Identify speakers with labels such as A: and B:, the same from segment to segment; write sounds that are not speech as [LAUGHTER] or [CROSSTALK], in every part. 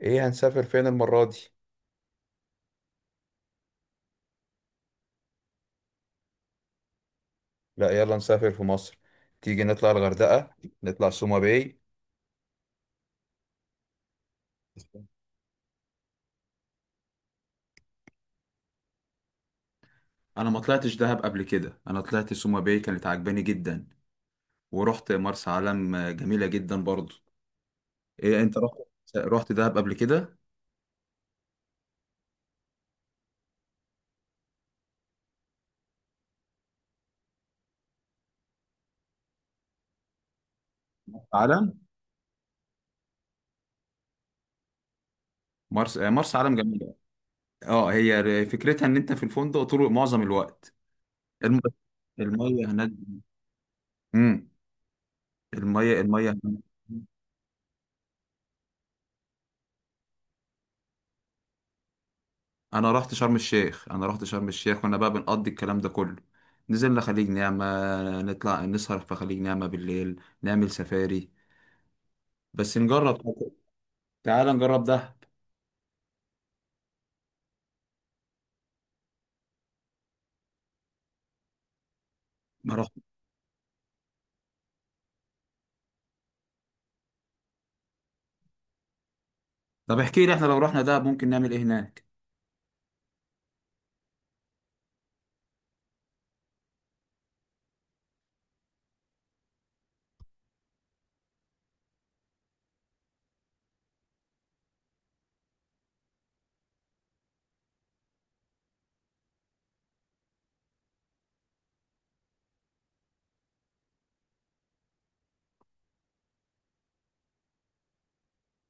A: ايه، هنسافر فين المرة دي؟ لا، يلا نسافر في مصر. تيجي نطلع الغردقة. نطلع سوما باي. انا ما طلعتش دهب قبل كده، انا طلعت سوما باي كانت عجباني جدا. ورحت مرسى علم، جميله جدا برضو. إيه، انت رحت؟ رحت دهب قبل كده؟ مرسى علم. مرسى علم جميله. اه هي فكرتها ان انت في الفندق طول معظم الوقت. الم- الميه هناك. امم الميه هناك. انا رحت شرم الشيخ وانا بقى بنقضي الكلام ده كله. نزلنا خليج نعمة، نطلع نسهر في خليج نعمة بالليل، نعمل سفاري، بس نجرب. تعال نجرب دهب. ما رحت. طب احكي لي، احنا لو رحنا دهب ممكن نعمل ايه هناك؟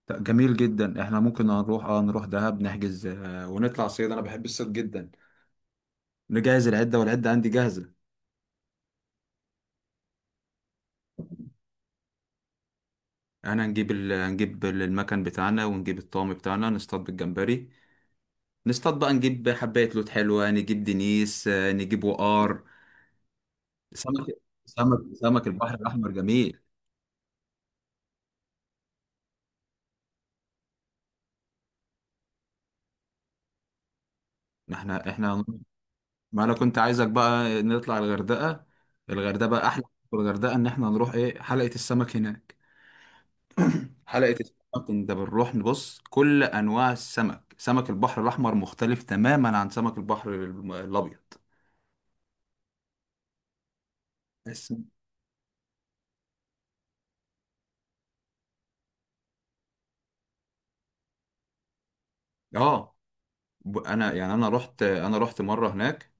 A: طب جميل جدا، احنا ممكن هنروح نروح دهب نحجز، ونطلع صيد. انا بحب الصيد جدا. نجهز العدة، والعدة عندي جاهزة. انا هنجيب المكان بتاعنا ونجيب الطعم بتاعنا، نصطاد بالجمبري. نصطاد بقى، نجيب حباية لوت حلوة، نجيب دنيس، نجيب وقار. سمك. سمك البحر الأحمر جميل. ما احنا احنا. ما انا كنت عايزك بقى نطلع الغردقة. الغردقة بقى احلى. في الغردقة ان احنا نروح ايه، حلقة السمك هناك. حلقة السمك، انت بنروح نبص كل انواع السمك. سمك البحر الأحمر مختلف تماما عن سمك البحر الأبيض. بس، اه انا يعني انا رحت مرة هناك.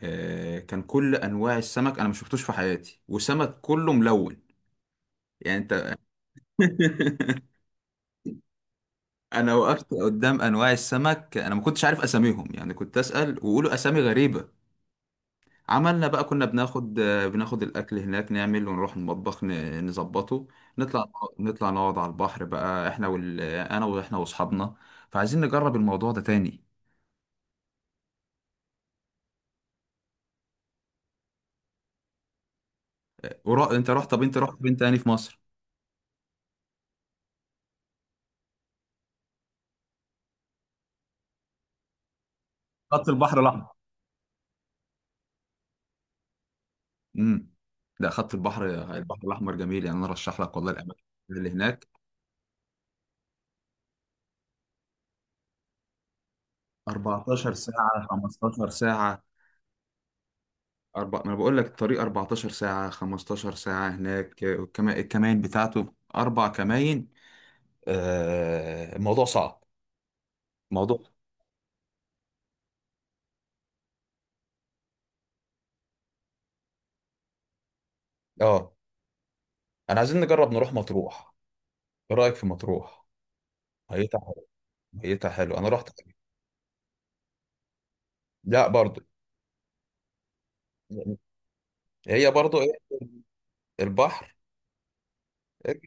A: كان كل انواع السمك انا ما شفتوش في حياتي، وسمك كله ملون. يعني انت. [LAUGHS] انا وقفت قدام انواع السمك، انا ما كنتش عارف اساميهم، يعني كنت اسال ويقولوا اسامي غريبه. عملنا بقى، كنا بناخد الاكل هناك، نعمل ونروح المطبخ نظبطه. نطلع. نطلع نقعد على البحر بقى احنا انا واحنا واصحابنا. فعايزين نجرب الموضوع ده تاني. انت رحت طب انت رحت فين تاني في مصر؟ خط البحر الاحمر. امم ده خط البحر. البحر الاحمر جميل، يعني انا ارشح لك والله الاماكن اللي هناك. 14 ساعه، 15 ساعه. ما انا بقول لك الطريق 14 ساعه 15 ساعه، هناك الكمائن بتاعته اربع كمائن. الموضوع صعب. موضوع، اه. انا عايزين نجرب نروح مطروح. ايه رايك في مطروح؟ ميتها حلو. ميتها حلو، انا رحت. لا برضو. هي برضو ايه، البحر. إيه؟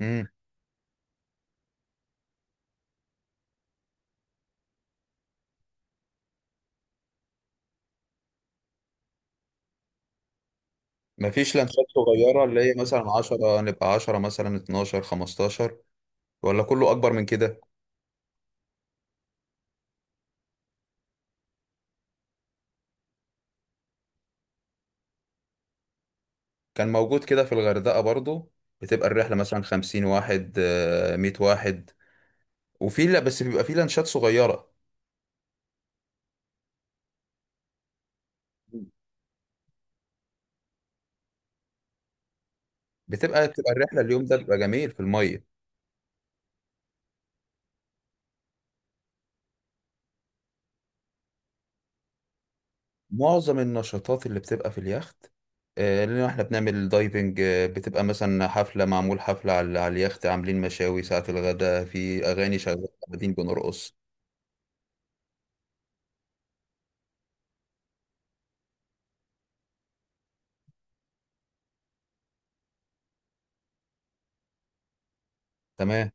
A: مم. مفيش لانشات صغيرة اللي هي مثلا عشرة، نبقى عشرة مثلا اتناشر خمستاشر؟ ولا كله أكبر من كده؟ كان موجود كده في الغردقة برضو. بتبقى الرحلة مثلا خمسين واحد، مية واحد. وفي، لا بس بيبقى في لانشات صغيرة. بتبقى الرحلة، اليوم ده بيبقى جميل في المية. معظم النشاطات اللي بتبقى في اليخت. لأن احنا بنعمل دايفنج. بتبقى مثلا حفلة، معمول حفلة على اليخت، عاملين مشاوي ساعة الغداء، في أغاني شغالة قاعدين بنرقص. تمام.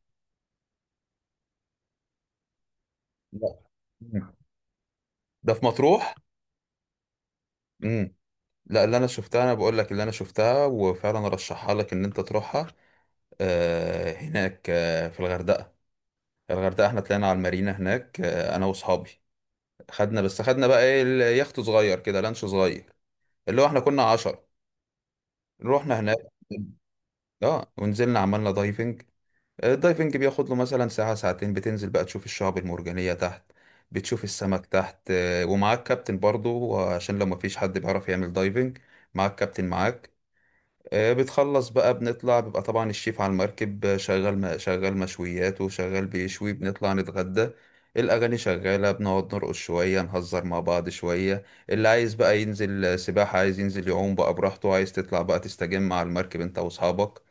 A: لا. ده في مطروح. امم لا، اللي انا شفتها انا بقول لك اللي انا شفتها، وفعلا ارشحها لك ان انت تروحها. هناك، في الغردقه. الغردقه احنا طلعنا على المارينا هناك، انا واصحابي. خدنا بقى ايه، اليخت صغير كده، لانش صغير. اللي هو احنا كنا عشرة. رحنا هناك. اه ونزلنا عملنا دايفنج. الدايفنج بياخد له مثلا ساعه ساعتين، بتنزل بقى تشوف الشعب المرجانيه تحت. بتشوف السمك تحت، ومعاك كابتن برضو عشان لو مفيش حد بيعرف يعمل دايفنج. معاك كابتن معاك. بتخلص بقى بنطلع، بيبقى طبعا الشيف على المركب، شغال مشويات وشغال بيشوي، بنطلع نتغدى. الأغاني شغالة، بنقعد نرقص شوية نهزر مع بعض شوية. اللي عايز بقى ينزل سباحة عايز ينزل يعوم بقى براحته، عايز تطلع بقى تستجم على المركب انت وأصحابك.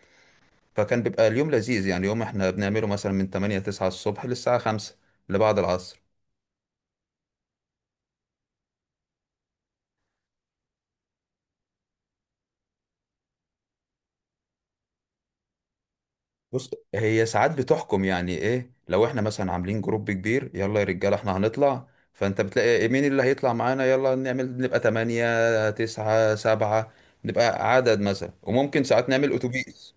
A: فكان بيبقى اليوم لذيذ، يعني يوم احنا بنعمله مثلا من 8 9 الصبح للساعة 5، اللي بعد العصر. بص، هي ساعات بتحكم، يعني ايه لو احنا مثلا عاملين جروب كبير، يلا يا رجاله احنا هنطلع. فانت بتلاقي إيه، مين اللي هيطلع معانا، يلا نعمل نبقى تمانية تسعة سبعة. نبقى عدد مثلا، وممكن ساعات نعمل اتوبيس.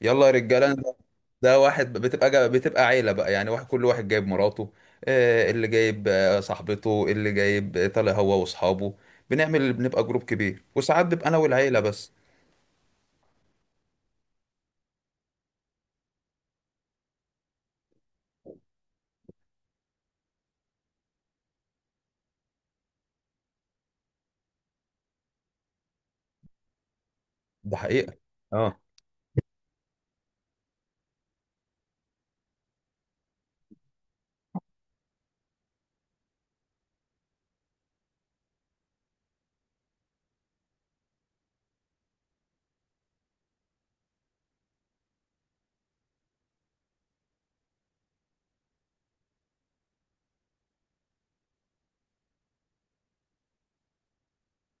A: يلا يا رجاله ده. ده واحد، بتبقى عيله بقى، يعني واحد كل واحد جايب مراته، اللي جايب صاحبته، اللي جايب طالع هو واصحابه. بنبقى جروب كبير، وساعات بيبقى انا والعيله بس. ده حقيقه.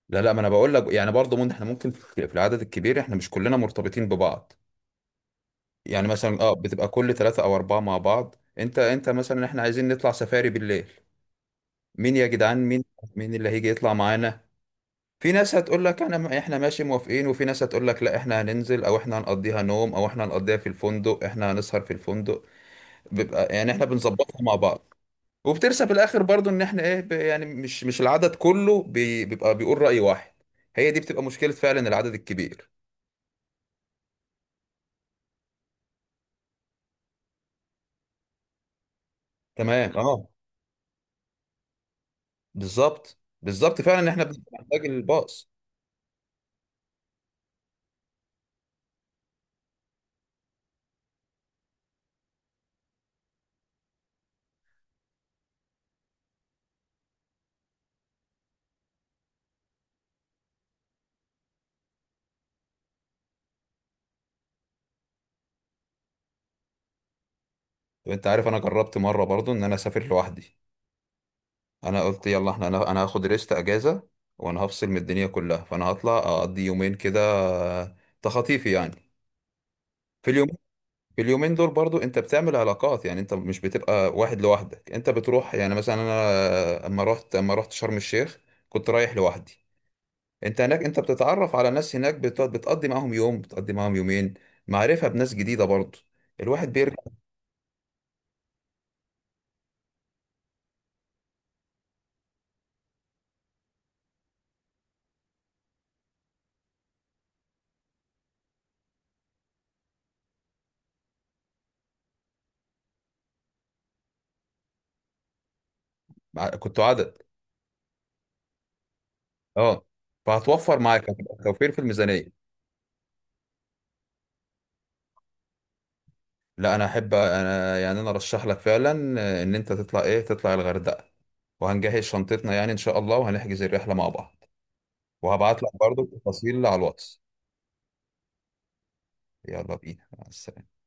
A: لا، لا، ما انا بقول لك يعني برضه ممكن احنا ممكن في العدد الكبير احنا مش كلنا مرتبطين ببعض. يعني مثلا، بتبقى كل ثلاثة او اربعة مع بعض. انت مثلا احنا عايزين نطلع سفاري بالليل، مين يا جدعان، مين؟ مين اللي هيجي يطلع معانا؟ في ناس هتقول لك انا احنا ماشي موافقين، وفي ناس هتقول لك لا احنا هننزل، او احنا هنقضيها نوم، او احنا هنقضيها في الفندق، احنا هنسهر في الفندق. بيبقى يعني احنا بنظبطها مع بعض. وبترسى في الاخر برضه ان احنا ايه يعني مش العدد كله بيبقى بيقول رأي واحد. هي دي بتبقى مشكلة فعلا العدد الكبير. تمام، اه. بالظبط بالظبط، فعلا ان احنا بنبقى محتاج الباص. طب انت عارف، انا جربت مره برضو ان انا اسافر لوحدي. انا قلت يلا، احنا انا انا هاخد ريست اجازه. وانا هفصل من الدنيا كلها، فانا هطلع اقضي يومين كده. آه، تخطيفي يعني، في اليوم. في اليومين دول برضو انت بتعمل علاقات، يعني انت مش بتبقى واحد لوحدك، انت بتروح يعني مثلا انا. اما رحت شرم الشيخ، كنت رايح لوحدي. انت هناك انت بتتعرف على ناس هناك، بتقضي معاهم يوم، بتقضي معاهم يومين. معرفة بناس جديدة برضه، الواحد بيرجع. كنتوا عدد؟ اه، فهتوفر معاك، هتبقى توفير في الميزانية. لا، انا ارشح لك فعلا ان انت تطلع ايه، تطلع الغردقة. وهنجهز شنطتنا يعني ان شاء الله، وهنحجز الرحلة مع بعض. وهبعت لك برضه التفاصيل على الواتس. يلا بينا، مع السلامة.